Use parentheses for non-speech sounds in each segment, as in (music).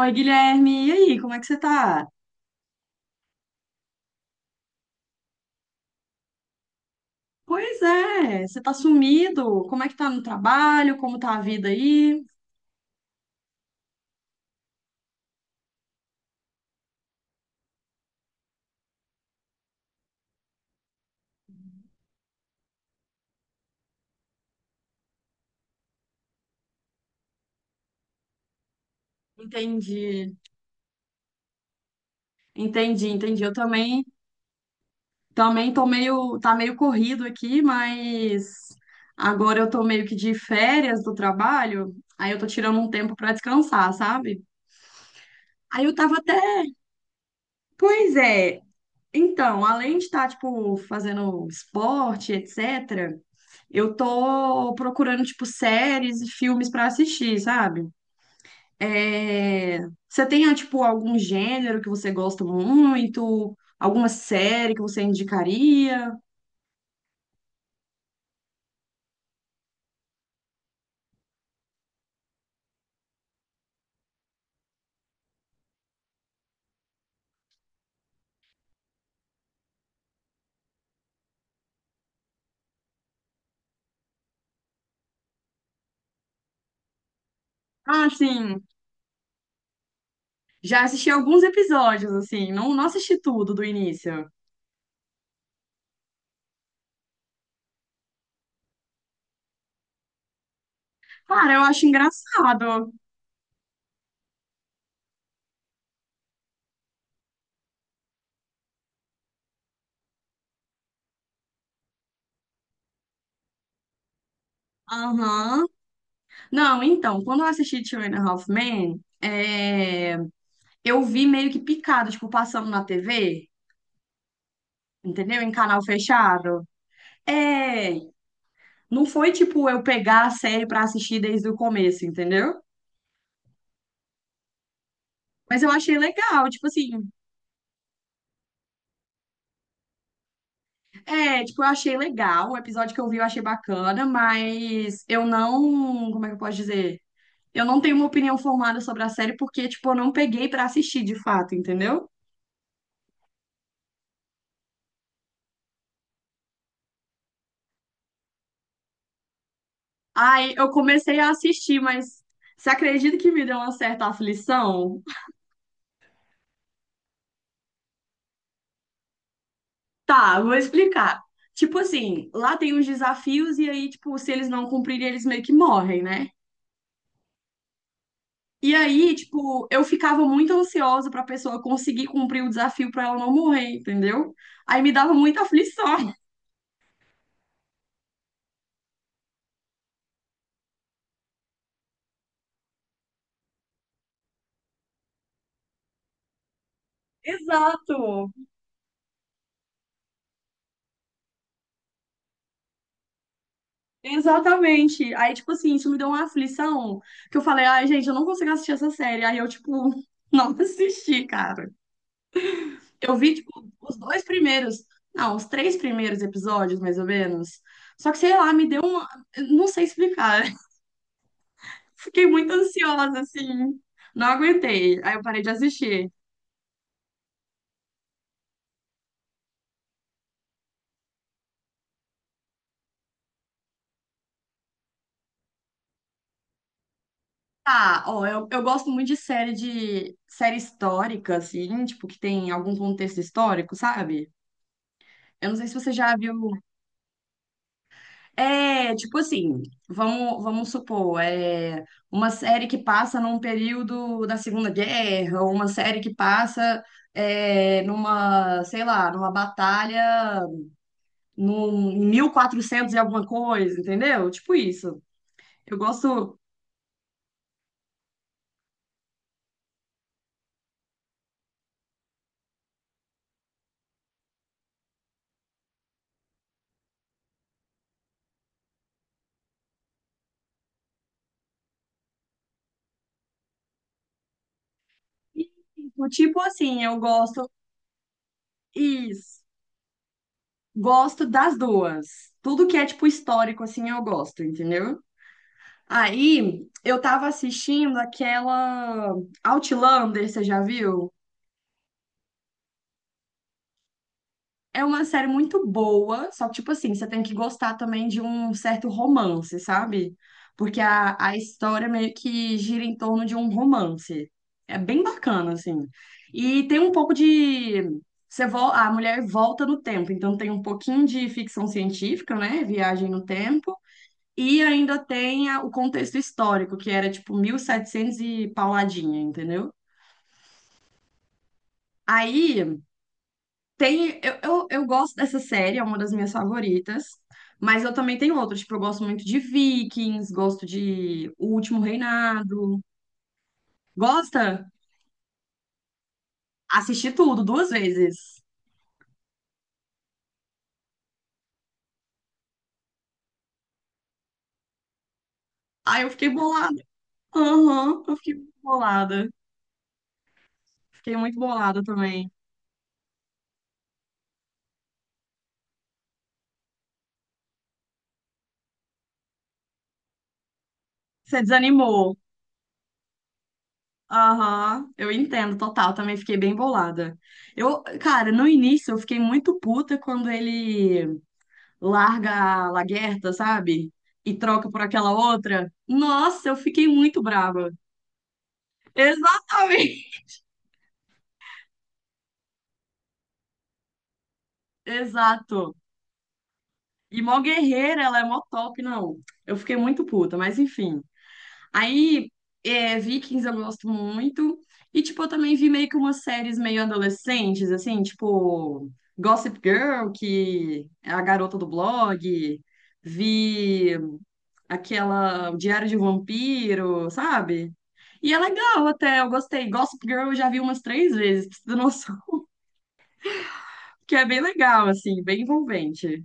Oi, Guilherme, e aí, como é que você tá? Pois é, você tá sumido. Como é que tá no trabalho? Como tá a vida aí? Entendi, entendi. Eu também, também tá meio corrido aqui, mas agora eu tô meio que de férias do trabalho, aí eu tô tirando um tempo pra descansar, sabe? Aí eu tava até, pois é, então, além de estar, tipo, fazendo esporte, etc., eu tô procurando, tipo, séries e filmes pra assistir, sabe? É, Você tem, tipo, algum gênero que você gosta muito? Alguma série que você indicaria? Ah, sim, já assisti alguns episódios, assim, não, não assisti tudo do início. Cara, eu acho engraçado. Aham. Não, então, quando eu assisti Two and a Half Men, eu vi meio que picado, tipo, passando na TV, entendeu? Em canal fechado. É, não foi tipo eu pegar a série pra assistir desde o começo, entendeu? Mas eu achei legal, tipo assim, é, tipo, eu achei legal, o episódio que eu vi eu achei bacana, mas eu não, como é que eu posso dizer? Eu não tenho uma opinião formada sobre a série porque, tipo, eu não peguei pra assistir de fato, entendeu? Aí eu comecei a assistir, mas você acredita que me deu uma certa aflição? Tá, vou explicar. Tipo assim, lá tem uns desafios e aí, tipo, se eles não cumprirem, eles meio que morrem, né? E aí, tipo, eu ficava muito ansiosa pra pessoa conseguir cumprir o desafio pra ela não morrer, entendeu? Aí me dava muita aflição. (laughs) Exato, exatamente. Aí, tipo assim, isso me deu uma aflição que eu falei, ai, gente, eu não consigo assistir essa série. Aí eu, tipo, (laughs) não assisti, cara. Eu vi, tipo, os dois primeiros, não, os três primeiros episódios, mais ou menos. Só que, sei lá, me deu uma. Eu não sei explicar. (laughs) Fiquei muito ansiosa, assim. Não aguentei. Aí eu parei de assistir. Ah, ó, eu gosto muito de série histórica, assim, tipo, que tem algum contexto histórico, sabe? Eu não sei se você já viu. É, tipo assim, vamos supor, é uma série que passa num período da Segunda Guerra, ou uma série que passa é, numa, sei lá, numa batalha num, em 1400 e alguma coisa, entendeu? Tipo isso. Eu gosto, tipo assim, eu gosto, isso, gosto das duas. Tudo que é, tipo, histórico, assim, eu gosto, entendeu? Aí eu tava assistindo aquela Outlander, você já viu? É uma série muito boa, só que, tipo assim, você tem que gostar também de um certo romance, sabe? Porque a história meio que gira em torno de um romance. É bem bacana, assim. E tem um pouco de. Você vo... A mulher volta no tempo, então tem um pouquinho de ficção científica, né? Viagem no tempo. E ainda tem a- o contexto histórico, que era tipo 1700 e pauladinha, entendeu? Aí tem. Eu gosto dessa série, é uma das minhas favoritas. Mas eu também tenho outras, tipo, eu gosto muito de Vikings, gosto de O Último Reinado. Gosta? Assisti tudo duas vezes. Aí eu fiquei bolada. Aham, eu fiquei muito bolada. Fiquei muito bolada também. Você desanimou. Aham, eu entendo, total. Também fiquei bem bolada. Eu, cara, no início eu fiquei muito puta quando ele larga a Laguerta, sabe? E troca por aquela outra. Nossa, eu fiquei muito brava. Exatamente. (laughs) Exato. E mó guerreira, ela é mó top, não. Eu fiquei muito puta, mas enfim. Aí, é, Vikings eu gosto muito. E, tipo, eu também vi meio que umas séries meio adolescentes, assim, tipo Gossip Girl, que é a garota do blog. Vi aquela o Diário de um Vampiro, sabe? E é legal até, eu gostei. Gossip Girl eu já vi umas três vezes, pra você ter noção. (laughs) Que é bem legal, assim, bem envolvente.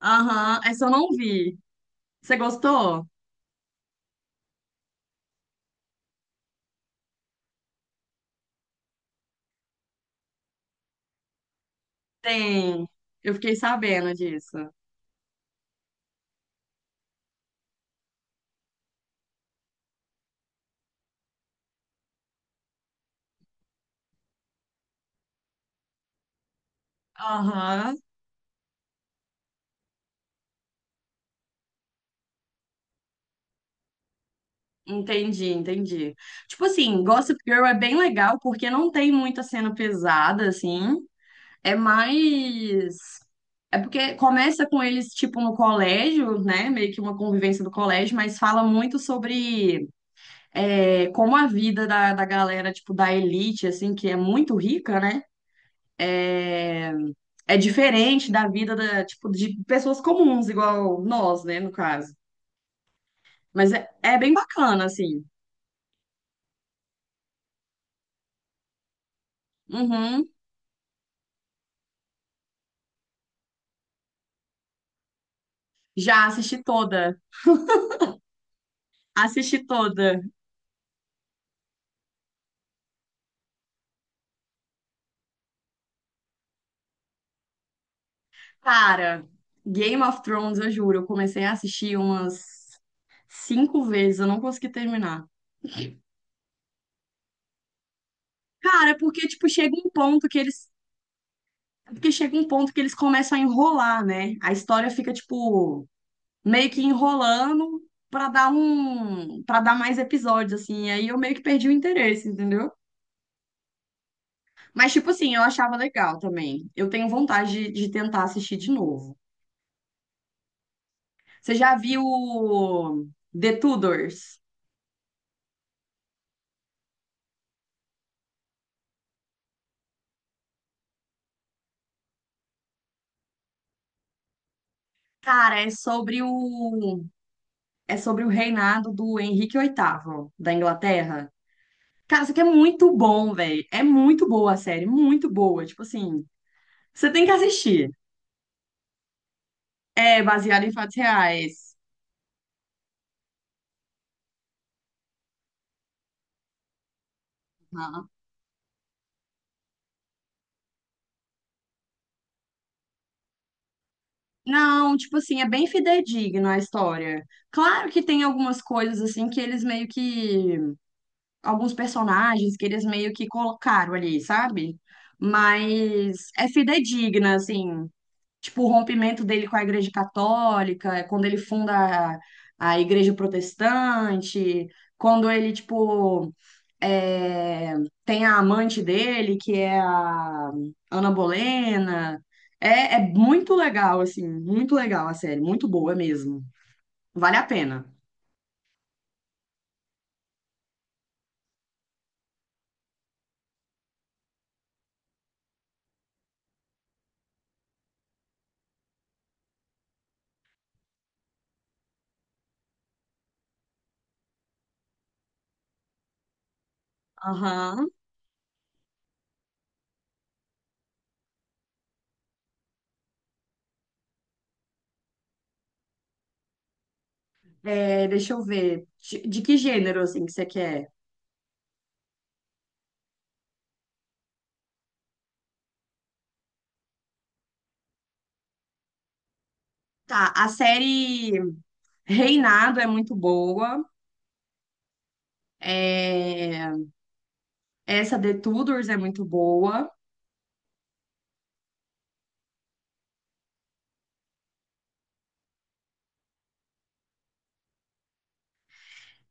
Aham, essa eu não vi. Você gostou? Tem. Eu fiquei sabendo disso. Aham. Entendi, entendi. Tipo assim, Gossip Girl é bem legal porque não tem muita cena pesada, assim. É mais. É porque começa com eles, tipo, no colégio, né? Meio que uma convivência do colégio, mas fala muito sobre é, como a vida da galera, tipo, da elite, assim, que é muito rica, né? É, é diferente da vida da, tipo, de pessoas comuns, igual nós, né, no caso. Mas é, é bem bacana, assim. Uhum. Já assisti toda. Assisti toda. Cara, Game of Thrones, eu juro, eu comecei a assistir umas cinco vezes, eu não consegui terminar. Cara, é porque, tipo, chega um ponto que eles. É porque chega um ponto que eles começam a enrolar, né? A história fica, tipo, meio que enrolando pra dar um. Pra dar mais episódios, assim. E aí eu meio que perdi o interesse, entendeu? Mas, tipo assim, eu achava legal também. Eu tenho vontade de tentar assistir de novo. Você já viu The Tudors? Cara, é sobre o reinado do Henrique VIII da Inglaterra. Cara, isso aqui é muito bom, velho. É muito boa a série, muito boa. Tipo assim, você tem que assistir. É baseado em fatos reais. Aham. Não, tipo assim, é bem fidedigno a história. Claro que tem algumas coisas assim que eles meio que alguns personagens que eles meio que colocaram ali, sabe? Mas é fidedigna, assim. Tipo, o rompimento dele com a Igreja Católica, é quando ele funda a, a Igreja Protestante, quando ele, tipo, é, tem a amante dele, que é a Ana Bolena. É, é muito legal, assim, muito legal a série, muito boa mesmo. Vale a pena. Aham. É, deixa eu ver. De que gênero, assim, que você quer? Tá, a série Reinado é muito boa. É, essa The Tudors é muito boa.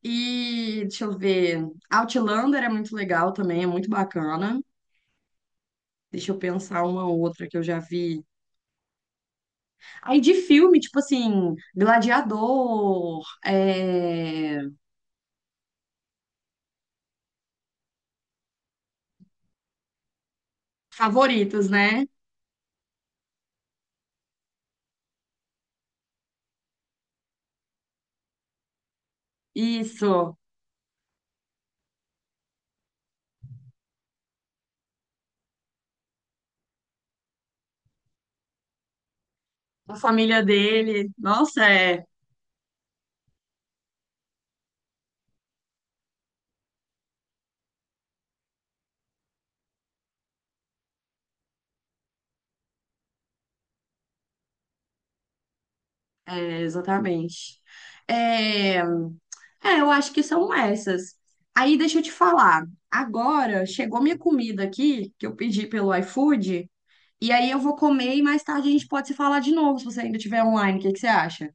E deixa eu ver. Outlander é muito legal também, é muito bacana. Deixa eu pensar uma outra que eu já vi. Aí de filme, tipo assim, Gladiador, é... Favoritos, né? Isso. A família dele. Nossa, é, é exatamente. É... é, eu acho que são essas. Aí deixa eu te falar. Agora chegou minha comida aqui, que eu pedi pelo iFood. E aí eu vou comer e mais tarde a gente pode se falar de novo, se você ainda estiver online. O que que você acha?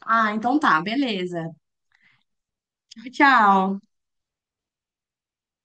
Ah, então tá, beleza. Tchau.